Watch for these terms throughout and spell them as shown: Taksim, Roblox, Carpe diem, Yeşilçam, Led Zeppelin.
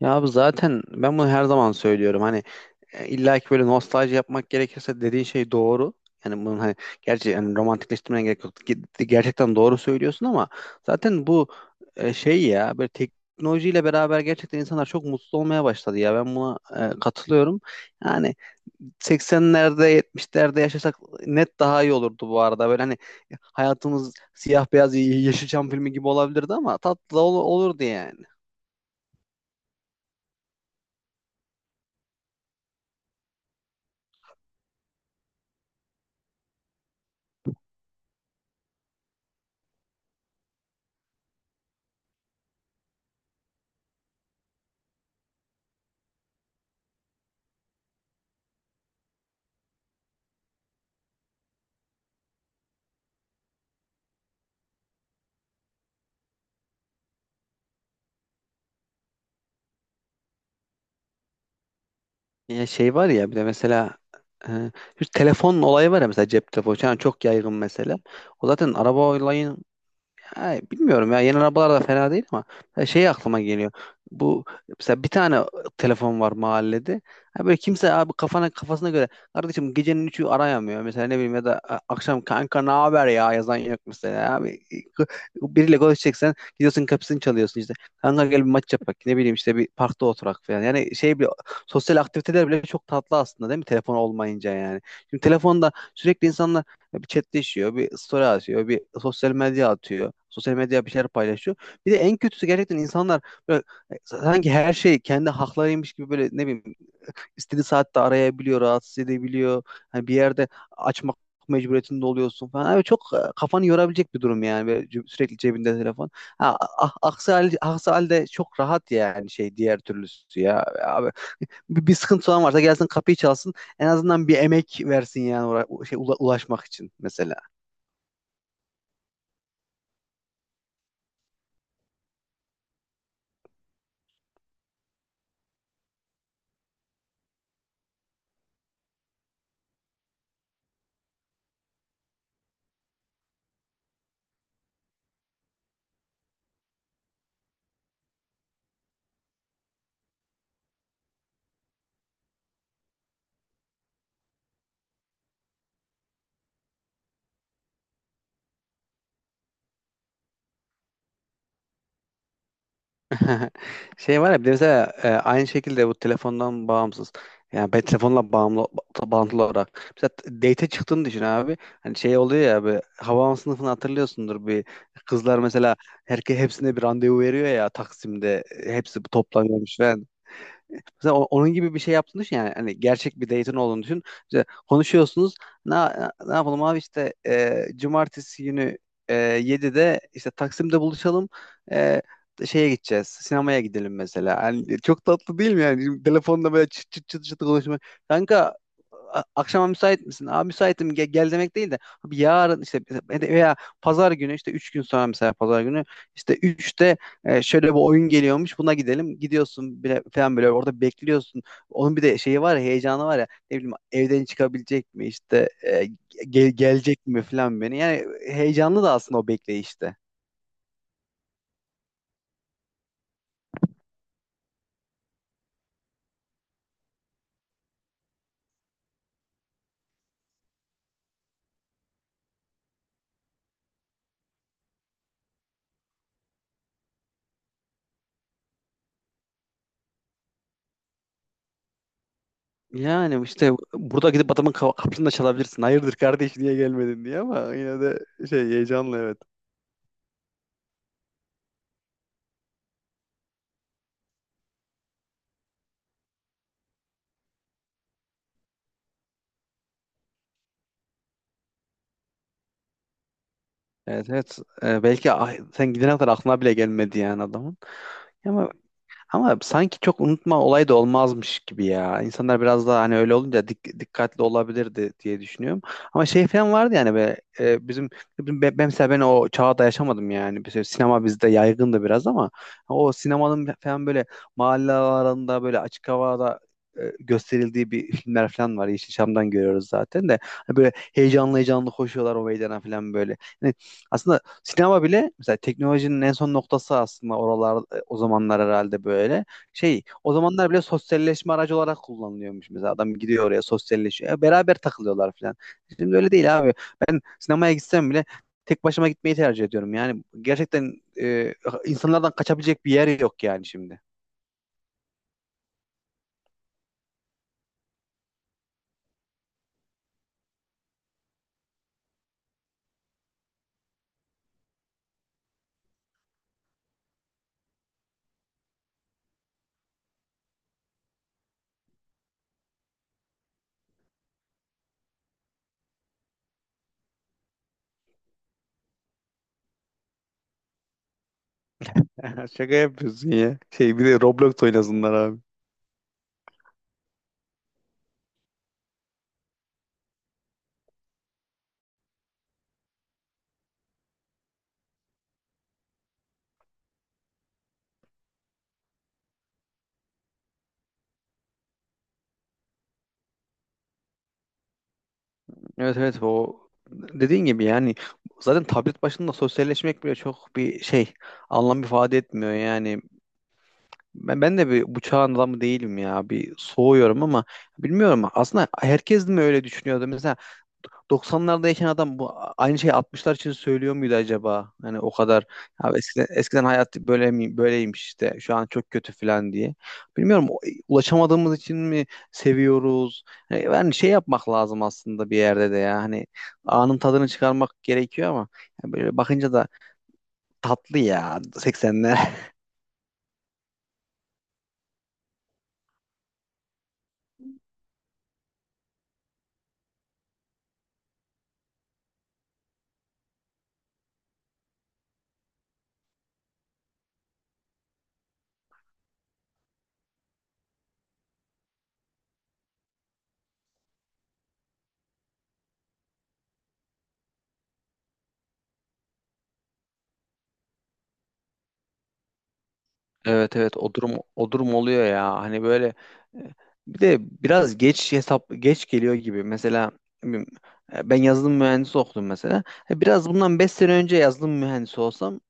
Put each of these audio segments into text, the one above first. Ya abi zaten ben bunu her zaman söylüyorum. Hani illa ki böyle nostalji yapmak gerekirse dediğin şey doğru. Yani bunun hani gerçi yani romantikleştirmene gerek yok. Gerçekten doğru söylüyorsun ama zaten bu şey ya böyle teknolojiyle beraber gerçekten insanlar çok mutsuz olmaya başladı ya. Ben buna katılıyorum. Yani 80'lerde 70'lerde yaşasak net daha iyi olurdu bu arada. Böyle hani hayatımız siyah beyaz Yeşilçam filmi gibi olabilirdi ama tatlı da olurdu yani. Ya şey var ya bir de mesela e, şu telefon olayı var ya mesela cep telefonu. Yani çok yaygın mesela. O zaten araba olayın yani bilmiyorum ya yeni arabalar da fena değil ama ha, şey aklıma geliyor. Bu mesela bir tane telefon var mahallede. Ha böyle kimse abi kafasına göre kardeşim gecenin üçü arayamıyor. Mesela ne bileyim ya da akşam kanka ne haber ya yazan yok mesela abi. K- Biriyle konuşacaksan gidiyorsun kapısını çalıyorsun işte. Kanka gel bir maç yapak ne bileyim işte bir parkta oturak falan. Yani şey bile sosyal aktiviteler bile çok tatlı aslında değil mi telefon olmayınca yani. Şimdi telefonda sürekli insanlar bir chatleşiyor, bir story atıyor, bir sosyal medya atıyor. Sosyal medya bir şeyler paylaşıyor. Bir de en kötüsü gerçekten insanlar böyle sanki her şey kendi haklarıymış gibi böyle ne bileyim istediği saatte arayabiliyor, rahatsız edebiliyor. Hani bir yerde açmak mecburiyetinde oluyorsun falan. Abi çok kafanı yorabilecek bir durum yani. Böyle sürekli cebinde telefon. Ha, aksi halde çok rahat yani şey diğer türlüsü ya. Abi bir sıkıntı olan varsa gelsin kapıyı çalsın en azından bir emek versin yani şey, ulaşmak için mesela. Şey var ya bir de mesela aynı şekilde bu telefondan bağımsız. Yani ben telefonla bağımlı bağlantılı olarak. Mesela date çıktığını düşün abi. Hani şey oluyor ya bir Havaalanı sınıfını hatırlıyorsundur bir kızlar mesela hepsine bir randevu veriyor ya Taksim'de hepsi toplanıyormuş ve mesela onun gibi bir şey yaptığını düşün yani hani gerçek bir date'in olduğunu düşün. İşte konuşuyorsunuz. Ne, ne yapalım abi işte cumartesi günü 7'de işte Taksim'de buluşalım. E, Şeye gideceğiz. Sinemaya gidelim mesela. Hani çok tatlı değil mi yani? Şimdi telefonda böyle çıt çıt çıt çıt konuşmak. Kanka akşama müsait misin? Abi müsaitim gel, demek değil de abi yarın işte veya pazar günü işte 3 gün sonra mesela pazar günü işte 3'te. Şöyle bir oyun geliyormuş buna gidelim gidiyorsun bile, falan böyle orada bekliyorsun onun bir de şeyi var ya heyecanı var ya ne bileyim evden çıkabilecek mi işte gelecek mi falan beni yani heyecanlı da aslında o bekleyişte. Yani işte burada gidip adamın kapısını da çalabilirsin. Hayırdır kardeş niye gelmedin diye ama yine de şey heyecanlı evet. Evet, evet. Belki sen gidene kadar aklına bile gelmedi yani adamın. Ama Ama sanki çok unutma olayı da olmazmış gibi ya. İnsanlar biraz daha hani öyle olunca dikkatli olabilirdi diye düşünüyorum. Ama şey falan vardı yani ben mesela ben o çağda yaşamadım yani. Mesela sinema bizde yaygındı biraz ama o sinemanın falan böyle mahalle aralarında böyle açık havada gösterildiği bir filmler falan var. Yeşilçam'dan görüyoruz zaten de. Hani böyle heyecanlı heyecanlı koşuyorlar o meydana falan böyle. Yani aslında sinema bile mesela teknolojinin en son noktası aslında oralar o zamanlar herhalde böyle. Şey o zamanlar bile sosyalleşme aracı olarak kullanılıyormuş mesela. Adam gidiyor oraya sosyalleşiyor. Ya beraber takılıyorlar falan. Şimdi öyle değil abi. Ben sinemaya gitsem bile tek başıma gitmeyi tercih ediyorum. Yani gerçekten e, insanlardan kaçabilecek bir yer yok yani şimdi. Şaka yapıyorsun ya. Şey bir de Roblox oynasınlar abi. Evet, evet, o dediğin gibi yani zaten tablet başında sosyalleşmek bile çok bir şey anlam ifade etmiyor yani. Ben de bir bu çağın adamı değilim ya. Bir soğuyorum ama bilmiyorum. Aslında herkes mi öyle düşünüyordu? Mesela 90'larda yaşayan adam bu aynı şeyi 60'lar için söylüyor muydu acaba? Hani o kadar ya eskiden hayat böyle mi, böyleymiş işte. Şu an çok kötü falan diye. Bilmiyorum ulaşamadığımız için mi seviyoruz? Hani yani şey yapmak lazım aslında bir yerde de ya. Hani anın tadını çıkarmak gerekiyor ama yani böyle bakınca da tatlı ya 80'ler. Evet, evet, o durum oluyor ya hani böyle e, bir de biraz geç hesap geç geliyor gibi mesela ne bileyim, ben yazılım mühendisi okudum mesela. Biraz bundan 5 sene önce yazılım mühendisi olsam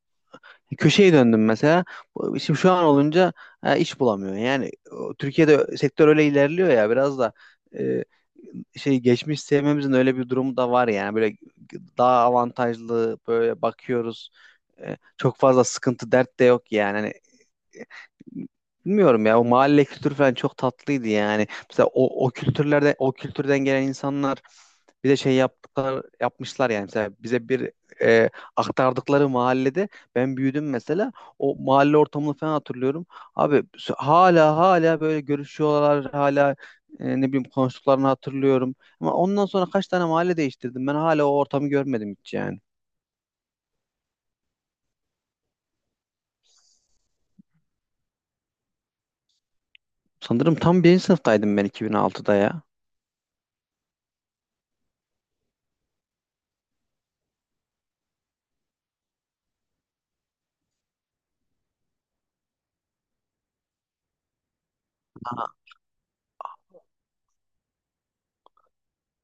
köşeye döndüm mesela. Şimdi şu an olunca iş bulamıyorum yani o, Türkiye'de sektör öyle ilerliyor ya biraz da e, şey geçmiş sevmemizin öyle bir durumu da var yani böyle daha avantajlı böyle bakıyoruz. Çok fazla sıkıntı dert de yok yani. Hani, bilmiyorum ya o mahalle kültürü falan çok tatlıydı yani. Mesela o kültürlerde o kültürden gelen insanlar bir de şey yaptıklar yapmışlar yani. Mesela bize bir e, aktardıkları mahallede ben büyüdüm mesela. O mahalle ortamını falan hatırlıyorum. Abi hala böyle görüşüyorlar hala ne bileyim konuştuklarını hatırlıyorum. Ama ondan sonra kaç tane mahalle değiştirdim. Ben hala o ortamı görmedim hiç yani. Sanırım tam birinci sınıftaydım ben 2006'da ya.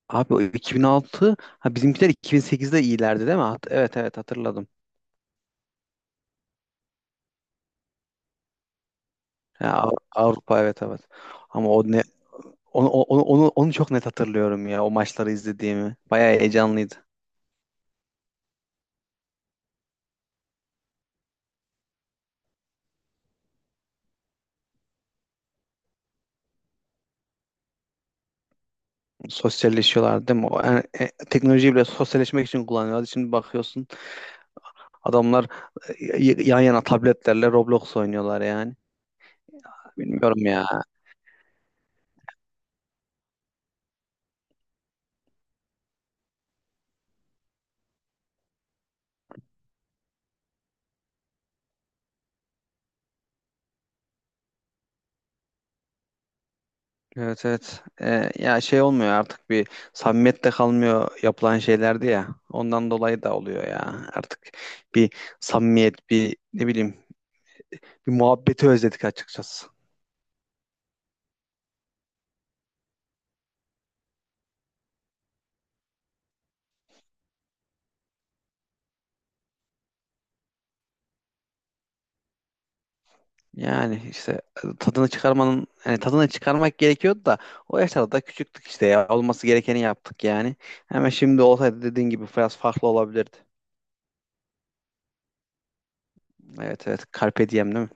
Abi o 2006 ha bizimkiler 2008'de iyilerdi değil mi? Evet, evet, hatırladım. Ha, Avrupa. Evet, evet. Ama o ne onu çok net hatırlıyorum ya o maçları izlediğimi. Bayağı heyecanlıydı. Sosyalleşiyorlar değil mi? Yani, teknolojiyi bile sosyalleşmek için kullanıyorlar. Şimdi bakıyorsun adamlar yan yana tabletlerle Roblox oynuyorlar yani. Bilmiyorum ya. Evet, evet. Ya şey olmuyor artık bir samimiyet de kalmıyor yapılan şeylerdi ya. Ondan dolayı da oluyor ya. Artık bir samimiyet, bir ne bileyim, bir muhabbeti özledik açıkçası. Yani işte tadını çıkarmanın hani tadını çıkarmak gerekiyordu da o yaşlarda da küçüktük işte ya. Olması gerekeni yaptık yani. Hemen şimdi olsaydı dediğin gibi biraz farklı olabilirdi. Evet, evet. Carpe diem değil mi?